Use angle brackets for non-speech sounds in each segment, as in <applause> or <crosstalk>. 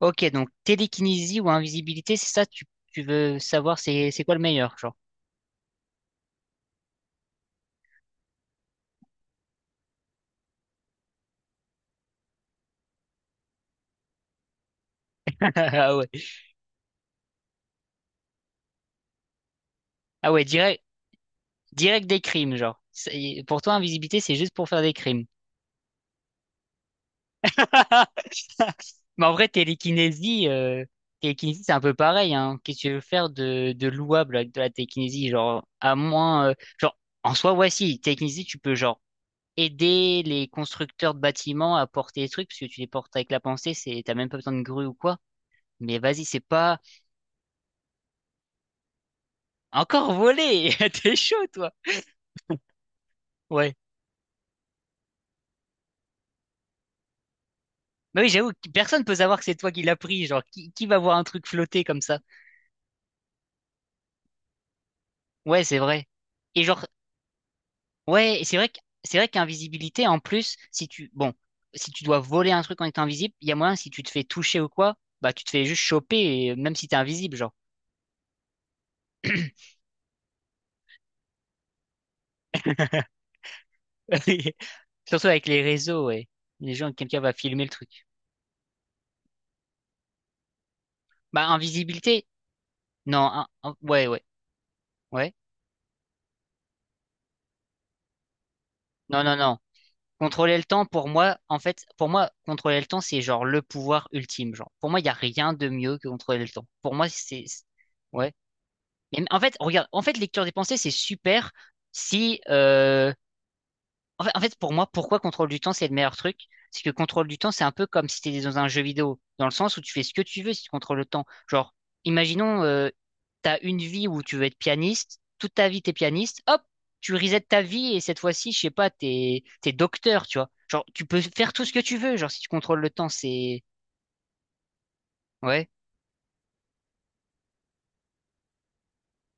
Ok, donc télékinésie ou invisibilité, c'est ça, tu veux savoir c'est quoi le meilleur, genre. <laughs> Ah ouais. Ah ouais, direct, direct des crimes, genre. Pour toi, invisibilité, c'est juste pour faire des crimes. <laughs> Mais en vrai, télékinésie, c'est un peu pareil, hein. Qu'est-ce que tu veux faire de louable avec de la télékinésie, genre, à moins, genre, en soi, ouais, si, télékinésie, tu peux, genre, aider les constructeurs de bâtiments à porter des trucs, parce que tu les portes avec la pensée, t'as même pas besoin de grue ou quoi. Mais vas-y, c'est pas. Encore volé! <laughs> T'es chaud, toi! Ouais. Bah oui, j'avoue, que personne peut savoir que c'est toi qui l'as pris. Genre, qui va voir un truc flotter comme ça? Ouais, c'est vrai. Et genre, ouais, et c'est vrai qu'invisibilité, en plus, si tu, bon, si tu dois voler un truc en étant invisible, il y a moyen, si tu te fais toucher ou quoi, bah, tu te fais juste choper, et même si t'es invisible, genre. <laughs> Surtout avec les réseaux, ouais. Les gens, quelqu'un va filmer le truc. Bah, invisibilité? Non, ouais, ouais, ouais. Non, non, non. Contrôler le temps, pour moi, en fait, pour moi, contrôler le temps, c'est genre le pouvoir ultime. Genre, pour moi, il n'y a rien de mieux que contrôler le temps. Pour moi, ouais. Mais en fait, regarde, en fait, lecture des pensées, c'est super si, en fait, pour moi, pourquoi contrôle du temps, c'est le meilleur truc? C'est que contrôle du temps, c'est un peu comme si tu étais dans un jeu vidéo, dans le sens où tu fais ce que tu veux si tu contrôles le temps. Genre, imaginons, tu as une vie où tu veux être pianiste, toute ta vie, t'es pianiste, hop, tu resets ta vie et cette fois-ci, je sais pas, t'es docteur, tu vois. Genre, tu peux faire tout ce que tu veux, genre, si tu contrôles le temps, c'est. Ouais.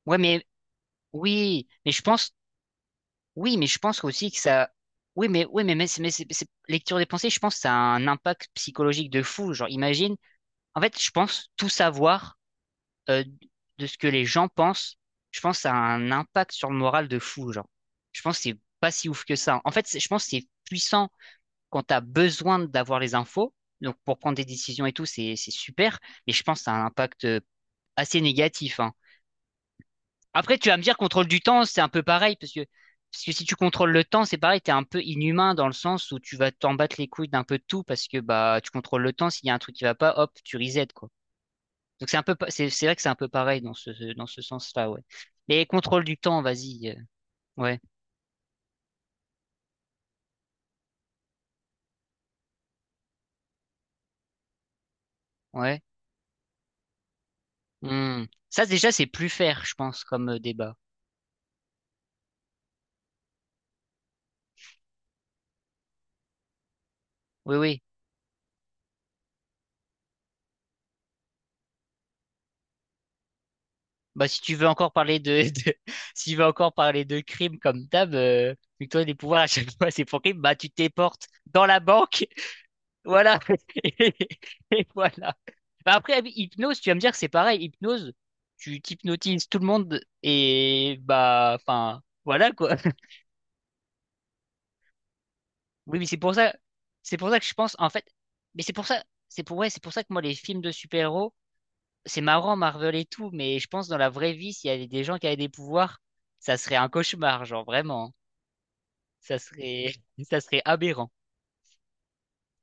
Ouais, mais oui, mais je pense, oui, mais je pense aussi que ça. Oui, mais oui, lecture des pensées, je pense que ça a un impact psychologique de fou. Genre, imagine. En fait, je pense tout savoir euh, de ce que les gens pensent, je pense ça a un impact sur le moral de fou, genre. Je pense que c'est pas si ouf que ça. En fait, je pense que c'est puissant quand t'as besoin d'avoir les infos. Donc pour prendre des décisions et tout, c'est super. Mais je pense que ça a un impact assez négatif, hein. Après, tu vas me dire contrôle du temps, c'est un peu pareil parce que si tu contrôles le temps, c'est pareil, t'es un peu inhumain dans le sens où tu vas t'en battre les couilles d'un peu de tout parce que bah tu contrôles le temps. S'il y a un truc qui va pas, hop, tu reset, quoi. Donc c'est un peu, c'est vrai que c'est un peu pareil dans ce sens-là, ouais. Mais contrôle du temps, vas-y, ouais, ouais. Hmm. Ça déjà c'est plus faire, je pense, comme débat. Oui, oui. Bah si tu veux encore parler de, <laughs> de si tu veux encore parler de crime comme d'hab, vu que toi les pouvoirs à chaque fois c'est pour crime, bah tu te téléportes dans la banque. <laughs> Voilà. <laughs> Et voilà. Bah, après hypnose, tu vas me dire que c'est pareil. Hypnose, tu t'hypnotises tout le monde et bah enfin voilà quoi. Oui, mais c'est pour ça que je pense, en fait, mais c'est pour ça, ouais, c'est pour ça que moi, les films de super-héros, c'est marrant, Marvel et tout, mais je pense dans la vraie vie, s'il y avait des gens qui avaient des pouvoirs, ça serait un cauchemar, genre vraiment. Ça serait, <laughs> ça serait aberrant.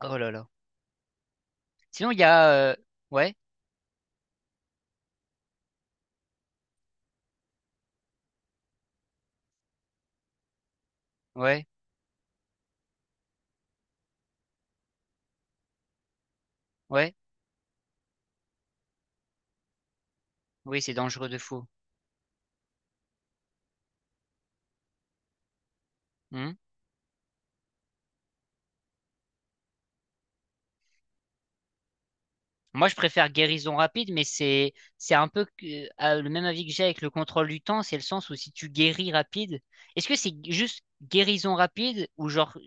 Oh là là. Sinon, il y a, ouais, ouais, ouais, oui, c'est dangereux de fou. Hmm. Moi, je préfère guérison rapide, mais c'est un peu le même avis que j'ai avec le contrôle du temps, c'est le sens où si tu guéris rapide, est-ce que c'est juste guérison rapide ou genre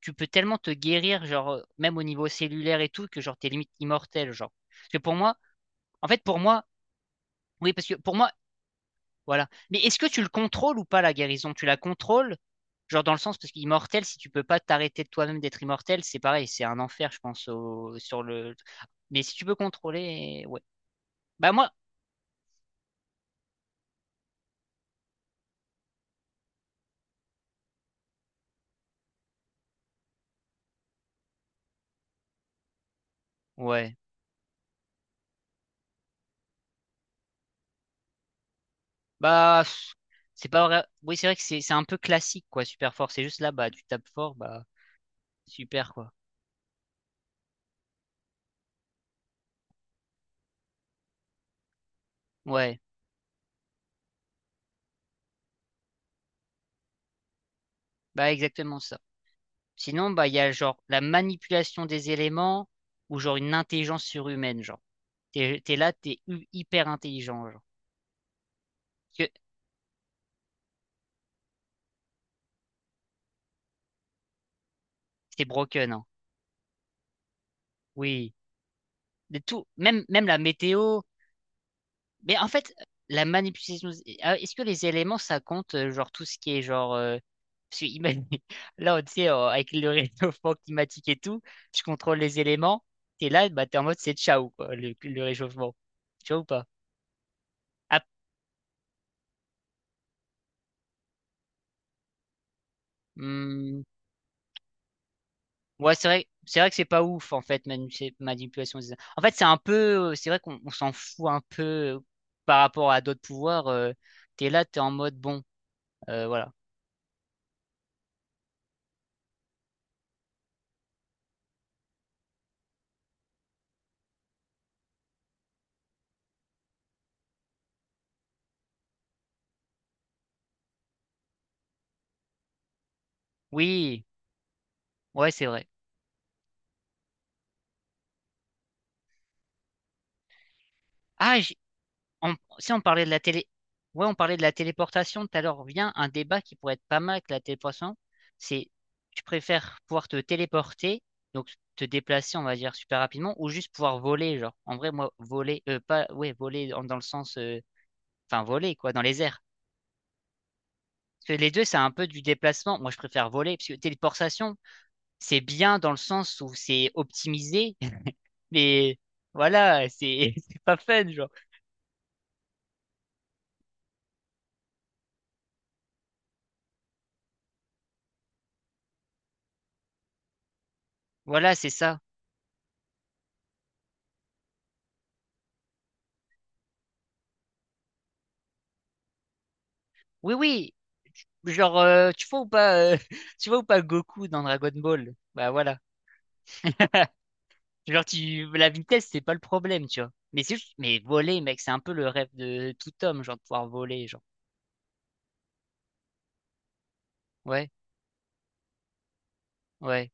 tu peux tellement te guérir genre même au niveau cellulaire et tout que genre t'es limite immortel genre. Parce que pour moi, en fait pour moi, oui parce que pour moi voilà. Mais est-ce que tu le contrôles ou pas la guérison? Tu la contrôles genre dans le sens parce qu'immortel si tu peux pas t'arrêter de toi-même d'être immortel, c'est pareil, c'est un enfer je pense sur le. Mais si tu peux contrôler, ouais. Bah moi. Ouais. Bah, pff, c'est pas vrai. Oui, c'est vrai que c'est un peu classique, quoi, super fort. C'est juste là, bah, tu tapes fort, bah, super, quoi. Ouais. Bah, exactement ça. Sinon, bah, il y a genre la manipulation des éléments ou genre une intelligence surhumaine, genre. T'es là, t'es hyper intelligent, genre. Parce que t'es broken, hein. Oui. Mais tout, même, même la météo. Mais en fait, la manipulation, ah, est-ce que les éléments, ça compte, genre tout ce qui est genre. Parce que imagine- <laughs> là, tu sais, avec le <laughs> réchauffement climatique et tout, je contrôle les éléments, t'es là, bah, t'es en mode c'est ciao, quoi, le réchauffement. Tu vois ou pas? Ah, hmm, ouais, c'est vrai que c'est pas ouf, en fait, manipulation. En fait, c'est un peu, c'est vrai qu'on s'en fout un peu euh, par rapport à d'autres pouvoirs. T'es là, t'es en mode bon, voilà. Oui, ouais, c'est vrai. Ah, On, si on parlait de la télé, ouais, on parlait de la téléportation tout à l'heure. Vient un débat qui pourrait être pas mal avec la téléportation. C'est tu préfères pouvoir te téléporter, donc te déplacer, on va dire super rapidement, ou juste pouvoir voler, genre. En vrai, moi, voler, pas, ouais, voler dans le sens, enfin voler quoi, dans les airs. Parce que les deux, c'est un peu du déplacement. Moi, je préfère voler, parce que téléportation, c'est bien dans le sens où c'est optimisé, <laughs> mais voilà, c'est <laughs> c'est pas fun, genre. Voilà, c'est ça. Oui, oui. Genre, tu vois ou pas, <laughs> tu vois ou pas Goku dans Dragon Ball? Bah voilà. <laughs> Genre, la vitesse, c'est pas le problème, tu vois. Mais mais voler, mec, c'est un peu le rêve de tout homme, genre, de pouvoir voler, genre. Ouais, ouais,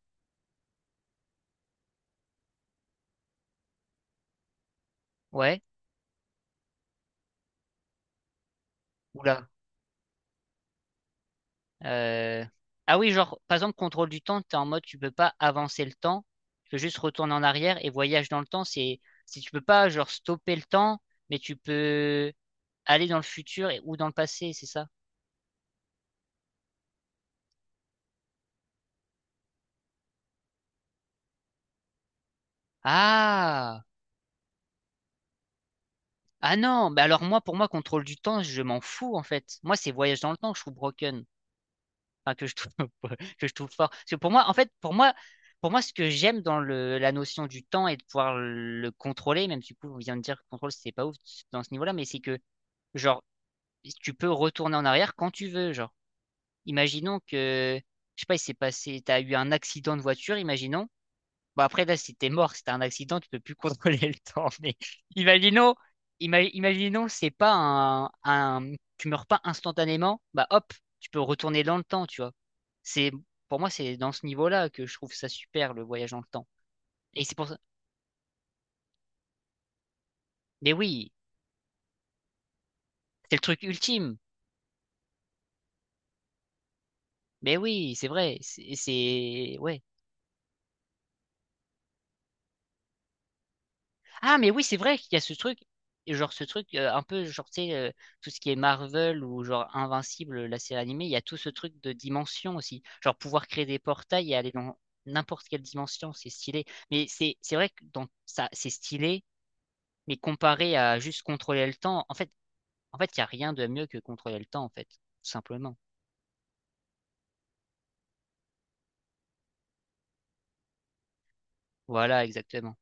ouais. Oula. Euh... Ah oui, genre, par exemple, contrôle du temps, t'es en mode, tu peux pas avancer le temps. Tu peux juste retourner en arrière et voyage dans le temps, c'est, si tu peux pas, genre, stopper le temps, mais tu peux aller dans le futur et, ou dans le passé, c'est ça? Ah! Ah non, bah alors moi, pour moi, contrôle du temps, je m'en fous en fait. Moi, c'est voyage dans le temps que je trouve broken, enfin que je trouve <laughs> que je trouve fort. Parce que pour moi, en fait, pour moi, ce que j'aime dans le la notion du temps et de pouvoir le contrôler, même si du coup, on vient de dire que contrôle, c'est pas ouf dans ce niveau-là, mais c'est que genre tu peux retourner en arrière quand tu veux. Genre, imaginons que je sais pas, il s'est passé, t'as eu un accident de voiture, imaginons. Bon, après, là, si t'es mort, si t'as un accident, tu peux plus contrôler le temps. <laughs> Mais imaginons, imaginons, c'est pas tu meurs pas instantanément, bah hop, tu peux retourner dans le temps, tu vois. C'est, pour moi, c'est dans ce niveau-là que je trouve ça super, le voyage dans le temps. Et c'est pour ça. Mais oui, c'est le truc ultime. Mais oui, c'est vrai. Ouais. Ah, mais oui, c'est vrai qu'il y a ce truc, genre ce truc un peu, genre, tu sais, tout ce qui est Marvel ou genre Invincible, la série animée, il y a tout ce truc de dimension aussi. Genre pouvoir créer des portails et aller dans n'importe quelle dimension, c'est stylé. Mais c'est vrai que dans ça, c'est stylé, mais comparé à juste contrôler le temps, en fait, il n'y a rien de mieux que contrôler le temps, en fait, tout simplement. Voilà, exactement.